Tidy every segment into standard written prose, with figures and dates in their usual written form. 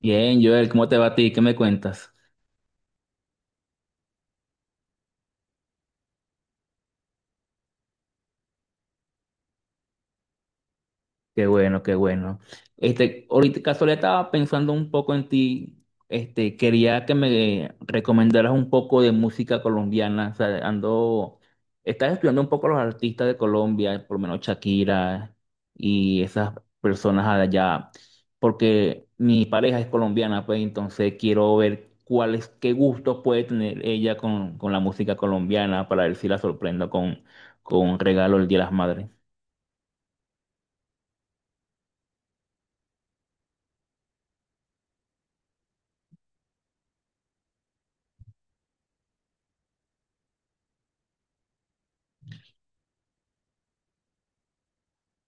Bien, Joel, ¿cómo te va a ti? ¿Qué me cuentas? Qué bueno, qué bueno. Este, ahorita casualidad estaba pensando un poco en ti. Este, quería que me recomendaras un poco de música colombiana. O sea, ando, estás estudiando un poco los artistas de Colombia, por lo menos Shakira y esas personas allá, porque mi pareja es colombiana, pues entonces quiero ver cuáles, qué gustos puede tener ella con la música colombiana para ver si la sorprendo con un regalo el Día de las Madres.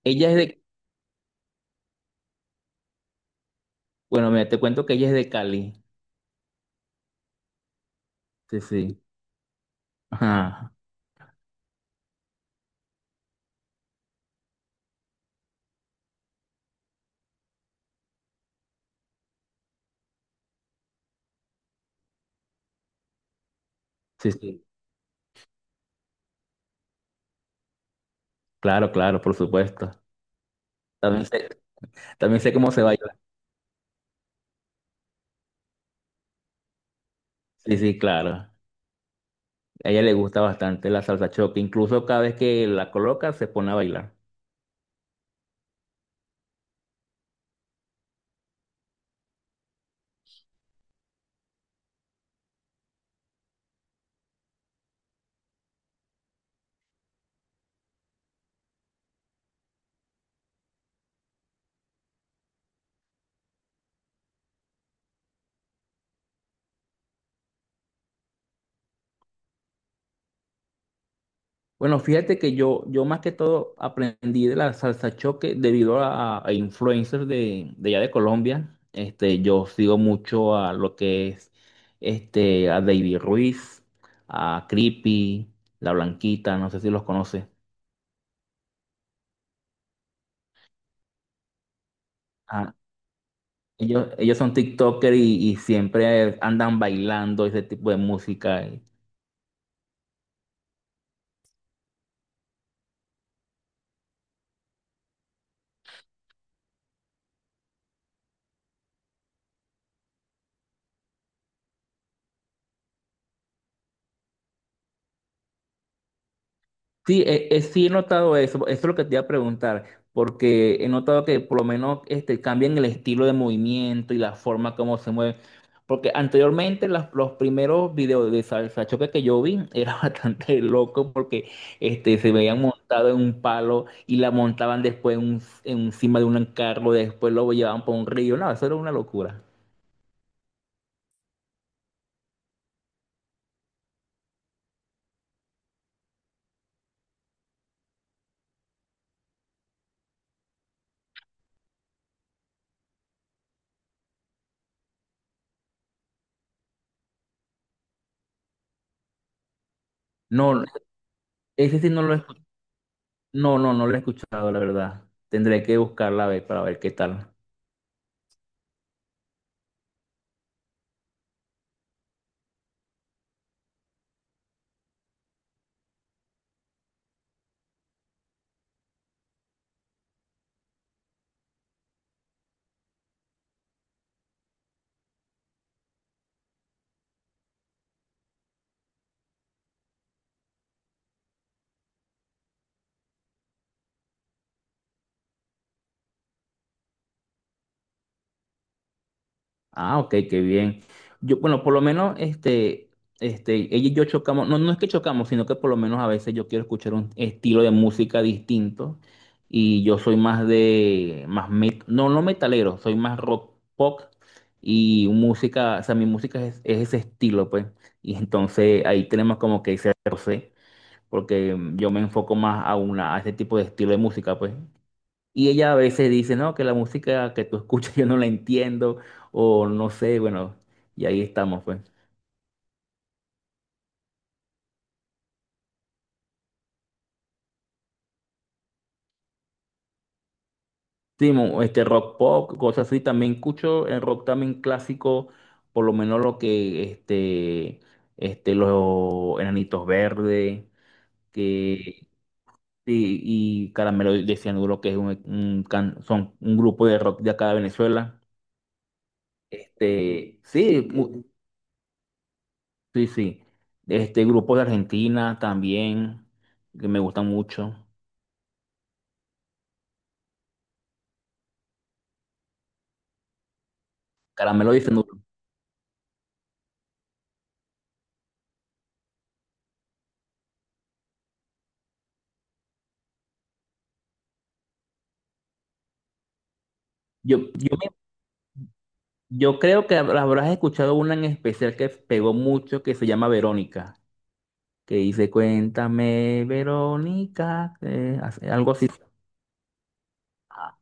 Ella es de Bueno, mira, te cuento que ella es de Cali. Sí, sí. Ajá. Sí, sí. Claro, claro, por supuesto. También sé, también sé cómo se baila. Sí, sí, claro. A ella le gusta bastante la salsa choque. Incluso cada vez que la coloca se pone a bailar. Bueno, fíjate que yo más que todo aprendí de la salsa choque debido a influencers de allá de Colombia. Este, yo sigo mucho a lo que es este, a David Ruiz, a Creepy, La Blanquita, no sé si los conoces. Ah, ellos son TikTokers y siempre andan bailando ese tipo de música. Sí, sí he notado eso. Eso es lo que te iba a preguntar, porque he notado que por lo menos este, cambian el estilo de movimiento y la forma como se mueven. Porque anteriormente los primeros videos de salsa choque que yo vi era bastante loco porque este, se veían montados en un palo y la montaban después en encima de un carro, después lo llevaban por un río. No, eso era una locura. No, ese sí no lo he no, no no la he escuchado, la verdad. Tendré que buscarla a ver para ver qué tal. Ah, ok, qué bien. Yo, bueno, por lo menos, este, ella y yo chocamos. No, no es que chocamos, sino que por lo menos a veces yo quiero escuchar un estilo de música distinto. Y yo soy más de, más met, no, no metalero, soy más rock pop. Y música, o sea, mi música es ese estilo, pues. Y entonces ahí tenemos como que ese roce, porque yo me enfoco más a ese tipo de estilo de música, pues. Y ella a veces dice, no, que la música que tú escuchas yo no la entiendo, o no sé, bueno, y ahí estamos, pues. Sí, este rock pop, cosas así, también escucho el rock también clásico, por lo menos lo que, este, los Enanitos Verdes, que, sí, y Caramelo de Cianuro, que es un can- son un grupo de rock de acá de Venezuela. Este, sí, sí, sí, este grupo de Argentina también, que me gustan mucho. Caramelo de Cianuro. Yo, yo, me- yo creo que habrás escuchado una en especial que pegó mucho que se llama Verónica, que dice, cuéntame, Verónica, algo así. Ah,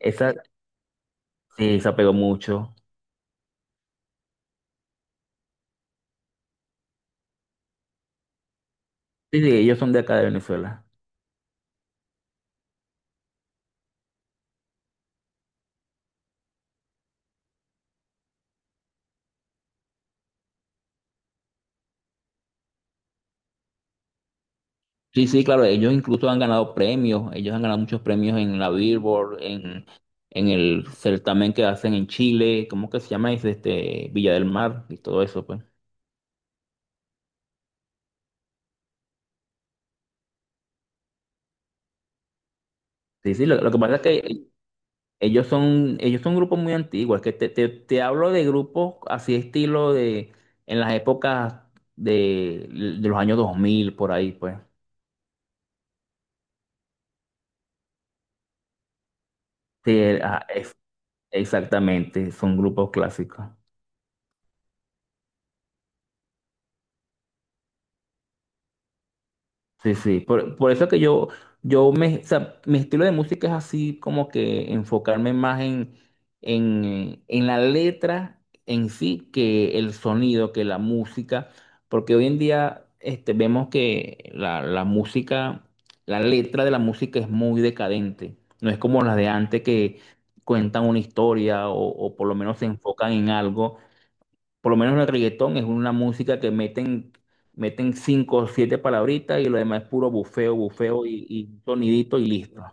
Esa, sí, esa pegó mucho. Sí, sí, ellos son de acá de Venezuela. Sí, sí, claro, ellos incluso han ganado premios, ellos han ganado muchos premios en la Billboard, en el certamen que hacen en Chile, ¿cómo que se llama? Es este, Villa del Mar y todo eso, pues. Sí, sí, lo que pasa es que ellos son grupos muy antiguos, es que te hablo de grupos así estilo de en las épocas de los años 2000 por ahí, pues. Sí, ah, exactamente, son grupos clásicos. Sí, sí, por eso que yo me, o sea, mi estilo de música es así como que enfocarme más en la letra en sí que el sonido, que la música, porque hoy en día este, vemos que la música, la letra de la música es muy decadente, no es como las de antes que cuentan una historia o por lo menos se enfocan en algo. Por lo menos el reggaetón es una música que meten cinco o siete palabritas y lo demás es puro bufeo, bufeo y sonidito y listo.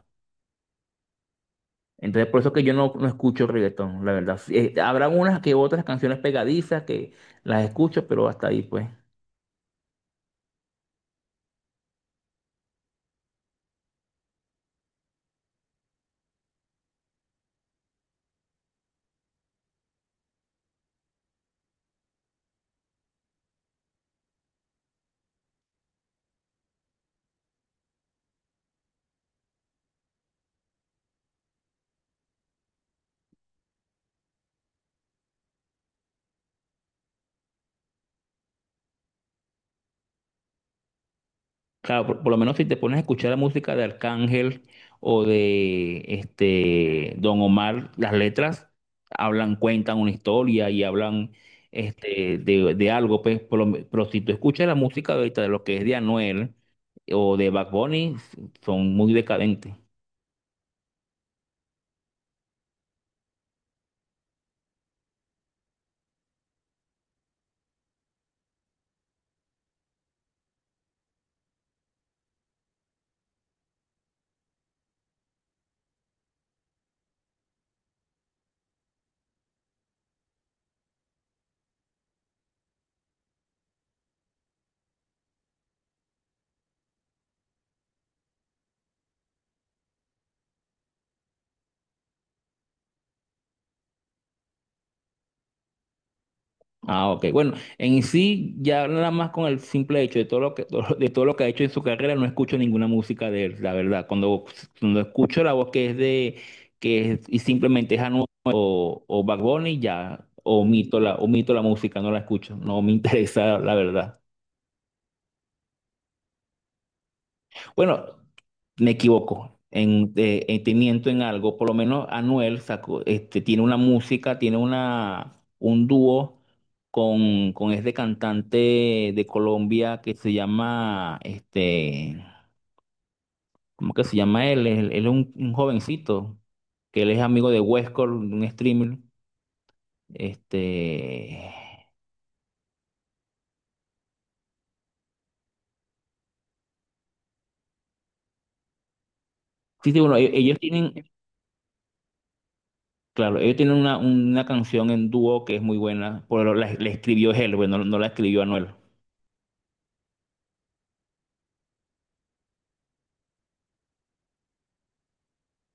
Entonces por eso que yo no escucho reggaetón, la verdad. Sí, habrán unas que otras canciones pegadizas que las escucho, pero hasta ahí pues. Claro, por lo menos si te pones a escuchar la música de Arcángel o de este Don Omar, las letras hablan, cuentan una historia y hablan este, de algo, pues. Pero si tú escuchas la música ahorita de lo que es de Anuel o de Bad Bunny, son muy decadentes. Ah, ok. Bueno, en sí, ya nada más con el simple hecho de todo lo que, de todo lo que ha hecho en su carrera, no escucho ninguna música de él, la verdad. Cuando escucho la voz que es de, que es, y simplemente es Anuel o Bad Bunny, ya omito la música, no la escucho, no me interesa, la verdad. Bueno, me equivoco, te miento en algo. Por lo menos Anuel sacó, este, tiene una música, tiene un dúo con este cantante de Colombia que se llama, este, ¿cómo que se llama él? Él es un jovencito, que él es amigo de Westcore, un streamer. Este, sí, sí, bueno, ellos tienen, claro, ellos tienen una canción en dúo que es muy buena, pero la escribió él, bueno, no la escribió Anuel.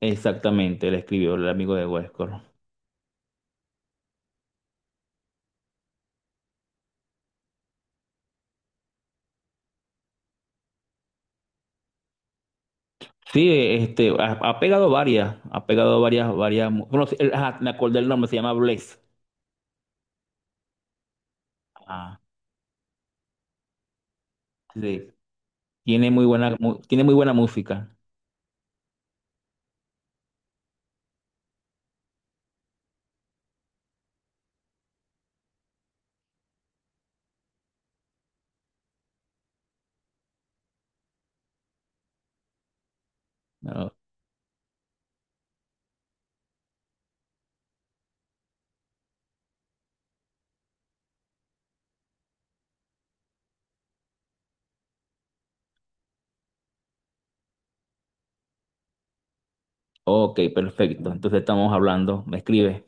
Exactamente, le escribió el amigo de Westcor. Sí, este, ha pegado varias, varias. Bueno, sí, ajá, me acordé el nombre, se llama Blaze. Ah, sí. Tiene muy buena música. Ah, ok, perfecto. Entonces estamos hablando. Me escribe.